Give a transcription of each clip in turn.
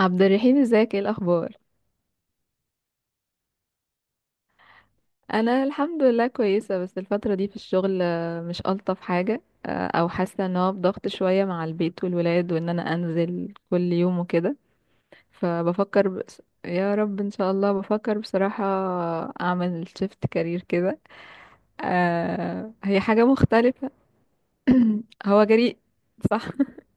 عبد الرحيم، ازيك؟ ايه الاخبار؟ انا الحمد لله كويسه. بس الفتره دي في الشغل مش الطف حاجه. او حاسه ان هو بضغط شويه مع البيت والولاد، وان انا انزل كل يوم وكده. فبفكر، بس يا رب ان شاء الله، بفكر بصراحه اعمل شيفت كارير كده. هي حاجه مختلفه. هو جريء. صح.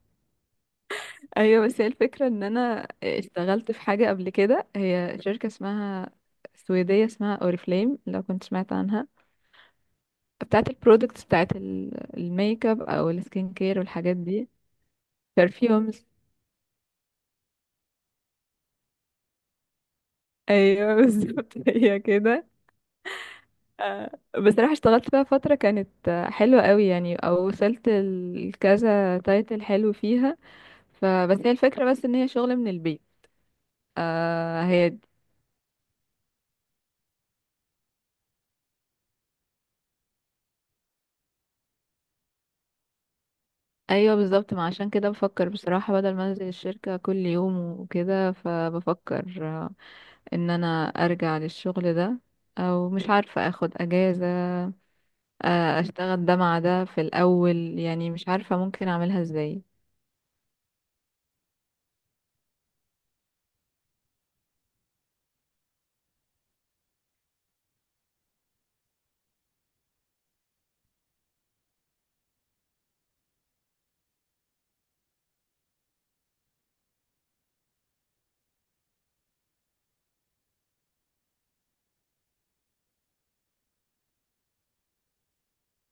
ايوه. بس هي الفكره ان انا اشتغلت في حاجه قبل كده، هي شركه اسمها سويديه اسمها اوريفليم، لو كنت سمعت عنها. بتاعت البرودكتس، بتاعت الميك اب او السكين كير والحاجات دي. برفيومز. ايوه بالظبط هي كده. آه، بصراحة اشتغلت فيها فترة كانت حلوة قوي يعني، او وصلت لكذا تايتل حلو فيها. فبس هي الفكرة بس ان هي شغل من البيت. آه هي دي. ايوه بالظبط، ما عشان كده بفكر بصراحة، بدل ما انزل الشركة كل يوم وكده، فبفكر ان انا ارجع للشغل ده، او مش عارفة اخد اجازة، اشتغل ده مع ده في الاول. يعني مش عارفة ممكن اعملها ازاي.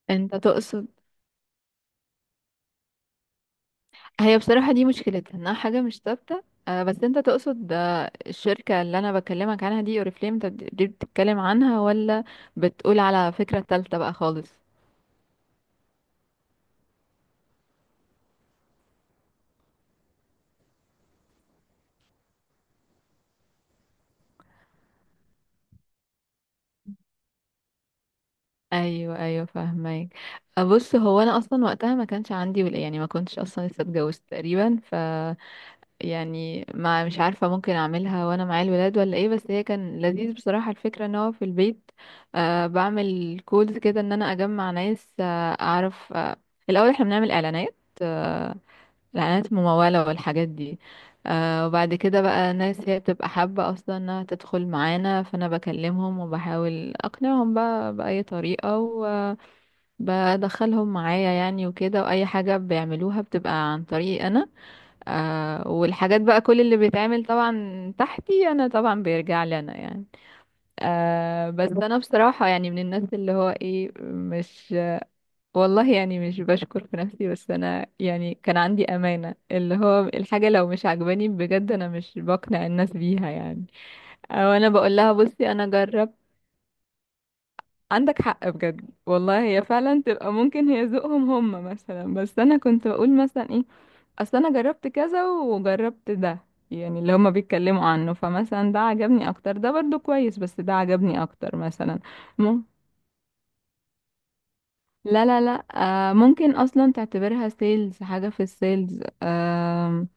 انت تقصد؟ هي بصراحة دي مشكلتها انها حاجة مش ثابتة، بس انت تقصد الشركة اللي انا بكلمك عنها دي اوريفليم، انت دي بتتكلم عنها؟ ولا بتقول على فكرة تالتة بقى خالص؟ ايوه ايوه، فاهمك. بص، هو انا اصلا وقتها ما كانش عندي ولا، يعني ما كنتش اصلا لسه اتجوزت تقريبا. يعني ما مش عارفة ممكن أعملها وأنا مع الولاد ولا إيه، بس هي كان لذيذ بصراحة الفكرة إن هو في البيت. آه، بعمل كودز كده إن أنا أجمع ناس آه أعرف آه. الأول إحنا بنعمل إعلانات، آه، الإعلانات الممولة والحاجات دي. آه، وبعد كده بقى ناس هي بتبقى حابة أصلا إنها تدخل معانا، فأنا بكلمهم وبحاول أقنعهم بقى بأي طريقة وبدخلهم معايا يعني وكده. وأي حاجة بيعملوها بتبقى عن طريقي أنا. آه، والحاجات بقى كل اللي بيتعمل طبعا تحتي انا طبعا بيرجع لي انا يعني. آه، بس انا بصراحة يعني من الناس اللي هو ايه، مش والله يعني مش بشكر في نفسي. بس انا يعني كان عندي امانة، اللي هو الحاجة لو مش عجباني بجد، انا مش بقنع الناس بيها يعني. او انا بقول لها بصي انا جرب. عندك حق بجد والله، هي فعلا تبقى ممكن هي ذوقهم هم مثلا. بس انا كنت بقول مثلا اصل انا جربت كذا وجربت ده، يعني اللي هما بيتكلموا عنه، فمثلا ده عجبني اكتر، ده برضو كويس بس ده عجبني اكتر مثلا. مم. لا لا لا. آه، ممكن اصلا تعتبرها سيلز، حاجة في السيلز. آه،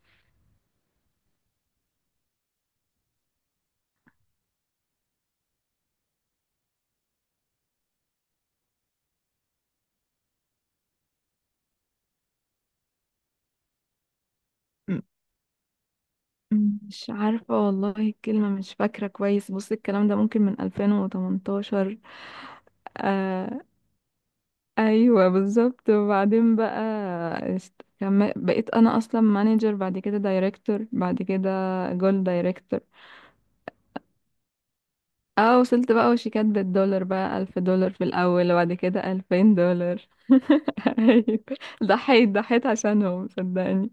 مش عارفة والله الكلمة مش فاكرة كويس. بص، الكلام ده ممكن من 2018. آه، ايوه بالظبط. وبعدين بقى، بقيت انا اصلا مانجر، بعد كده دايركتور، بعد كده جول دايركتور. اه وصلت بقى، وشيكات بالدولار بقى. 1000 دولار في الأول، وبعد كده 2000 دولار. أيوة. ضحيت ضحيت عشانهم صدقني.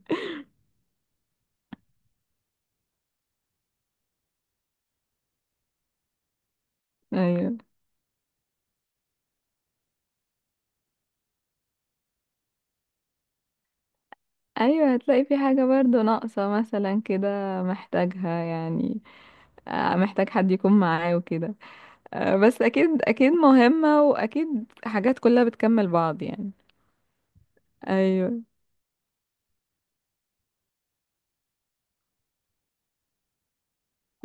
أيوة. أيوة هتلاقي في حاجة برضو ناقصة مثلا كده، محتاجها يعني. آه، محتاج حد يكون معاه وكده. آه، بس أكيد أكيد مهمة، وأكيد حاجات كلها بتكمل بعض يعني. أيوة.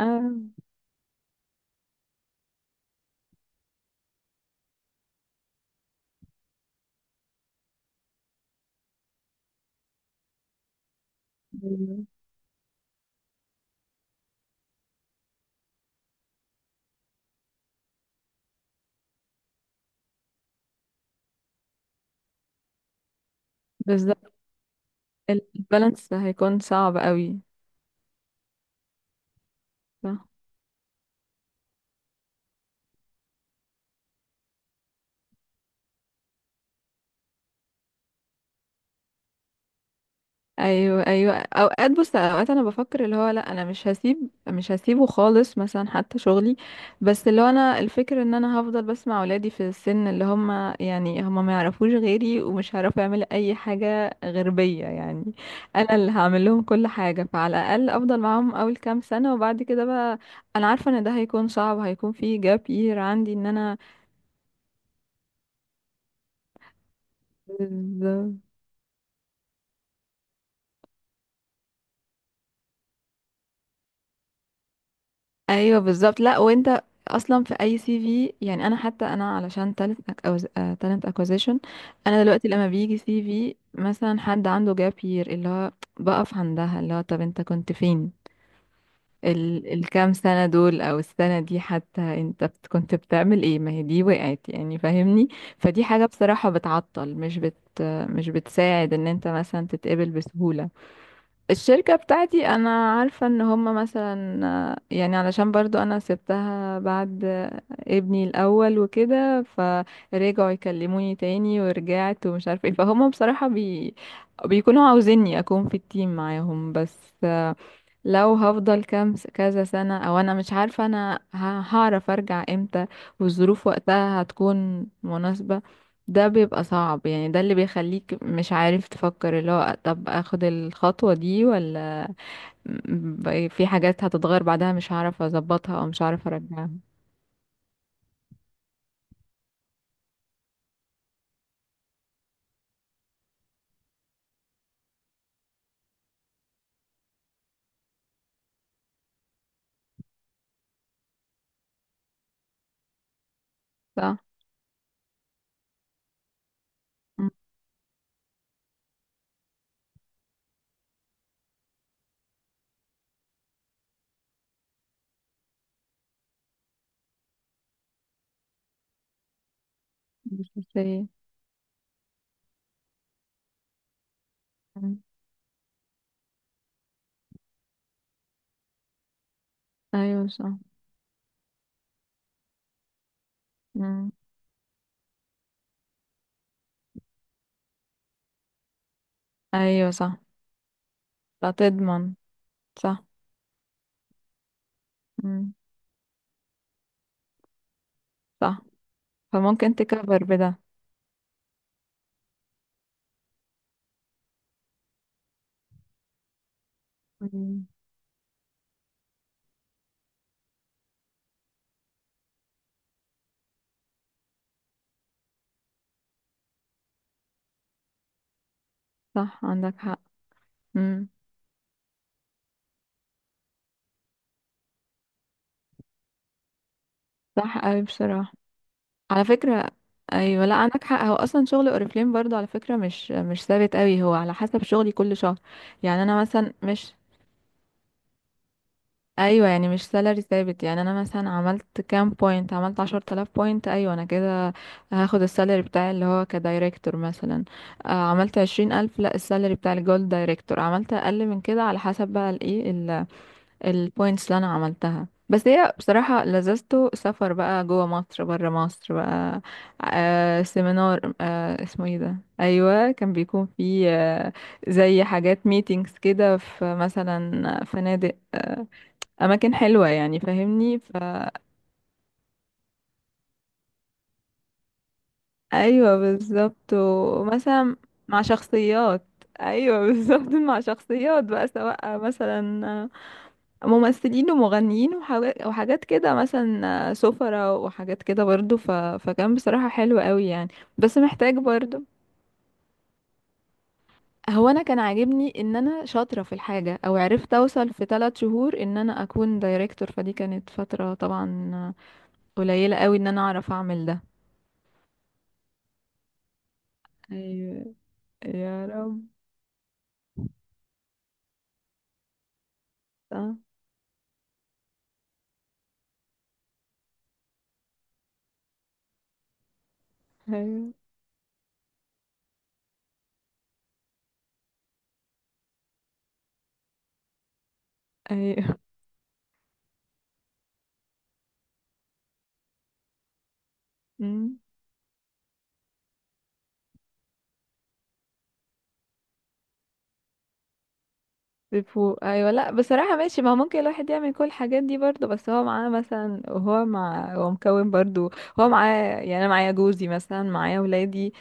آه. أيوة. بالظبط، البالانس هيكون صعب قوي. صح. ايوه ايوه، اوقات، بص اوقات انا بفكر اللي هو لا، انا مش هسيب، مش هسيبه خالص مثلا حتى شغلي. بس اللي هو انا الفكر ان انا هفضل بسمع اولادي في السن اللي هم، يعني هم ما يعرفوش غيري ومش هيعرفوا يعملوا اي حاجه غير بيا يعني. انا اللي هعمل لهم كل حاجه، فعلى الاقل افضل معاهم اول كام سنه وبعد كده بقى. انا عارفه ان ده هيكون صعب، هيكون فيه جاب يير عندي ان انا. بالظبط. ايوه بالظبط. لا وانت اصلا في اي سي في، يعني انا حتى انا علشان تالنت اكوزيشن. انا دلوقتي لما بيجي سي في مثلا حد عنده جاب يير، اللي هو بقف عندها، اللي هو طب انت كنت فين ال الكام سنة دول، او السنة دي حتى انت كنت بتعمل ايه، ما هي دي وقعت يعني فاهمني. فدي حاجة بصراحة بتعطل، مش بتساعد ان انت مثلا تتقبل بسهولة. الشركة بتاعتي انا عارفة ان هما مثلا يعني علشان برضو انا سبتها بعد ابني الاول وكده، فرجعوا يكلموني تاني ورجعت، ومش عارفة ايه. بيكونوا عاوزيني اكون في التيم معاهم. بس آه، لو هفضل كذا سنة، او انا مش عارفة انا هعرف ارجع امتى، والظروف وقتها هتكون مناسبة. ده بيبقى صعب يعني. ده اللي بيخليك مش عارف تفكر اللي هو طب اخد الخطوة دي ولا، في حاجات هتتغير بعدها مش هعرف اظبطها او مش هعرف ارجعها. صح. مم. مش مستاهل. مم. ايوه صح. مم. ايوه صح. لا تضمن. صح. مم. صح. فممكن تكبر بده. مم. صح عندك حق. مم. صح اوي بصراحة. على فكرة، ايوه لا عندك حق. هو اصلا شغل اوريفليم برضو على فكرة، مش ثابت قوي، هو على حسب شغلي كل شهر. يعني انا مثلا مش، ايوه يعني مش سالري ثابت. يعني انا مثلا عملت كام بوينت، عملت 10 تلاف بوينت ايوه انا كده هاخد السالري بتاعي اللي هو كدايركتور مثلا، عملت 20 الف لا، السالري بتاع الجولد دايركتور عملت اقل من كده على حسب بقى الايه البوينتس اللي انا عملتها. بس هي بصراحة لذته سفر بقى، جوه مصر بره مصر بقى، آه سيمينار، آه اسمه ايه ده، ايوه كان بيكون فيه آه زي حاجات ميتينجز كده في مثلا فنادق، اماكن حلوة يعني فاهمني فا. ايوه بالظبط، ومثلا مع شخصيات. ايوه بالظبط، مع شخصيات بقى، سواء مثلا ممثلين ومغنيين وحاجات وحاجات كده، مثلا سفرة وحاجات كده برضو، فكان بصراحة حلو قوي يعني. بس محتاج برضو، هو انا كان عاجبني ان انا شاطرة في الحاجة، او عرفت اوصل في 3 شهور ان انا اكون دايركتور. فدي كانت فترة طبعا قليلة قوي ان انا اعرف اعمل ده. ايوه. يا رب. صح. ايوه ايوه. امم. بيفوق، ايوه لا بصراحه ماشي. ما هو ممكن الواحد يعمل كل الحاجات دي برضه، بس هو معاه مثلا، هو مكون برضه، هو معاه. يعني انا معايا جوزي مثلا، معايا ولادي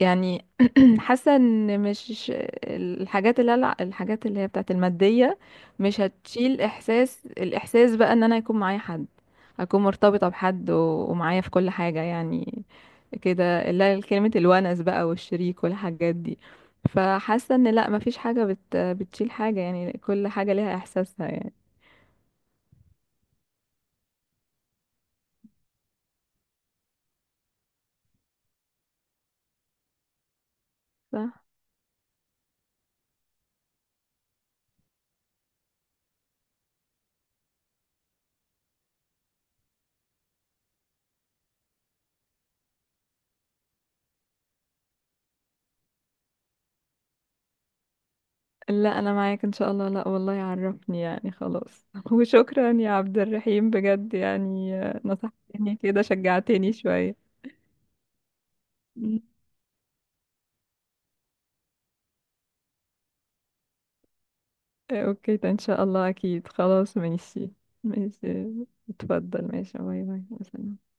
يعني. حاسه ان مش، الحاجات اللي هي بتاعت الماديه مش هتشيل احساس، الاحساس بقى ان انا يكون معايا حد، اكون مرتبطه بحد، ومعايا في كل حاجه يعني. كده لا، كلمه الونس بقى والشريك والحاجات دي. فحاسه ان لا، مفيش حاجه بتشيل حاجه يعني، كل حاجه ليها احساسها يعني. صح. لا انا معاك ان شاء الله. لا والله عرفني يعني، خلاص. وشكرا يا عبد الرحيم بجد يعني. نصحتني كده، شجعتني شوية. مم. اوكي، ده ان شاء الله اكيد. خلاص ماشي. ماشي. اتفضل ماشي. باي باي مثلا.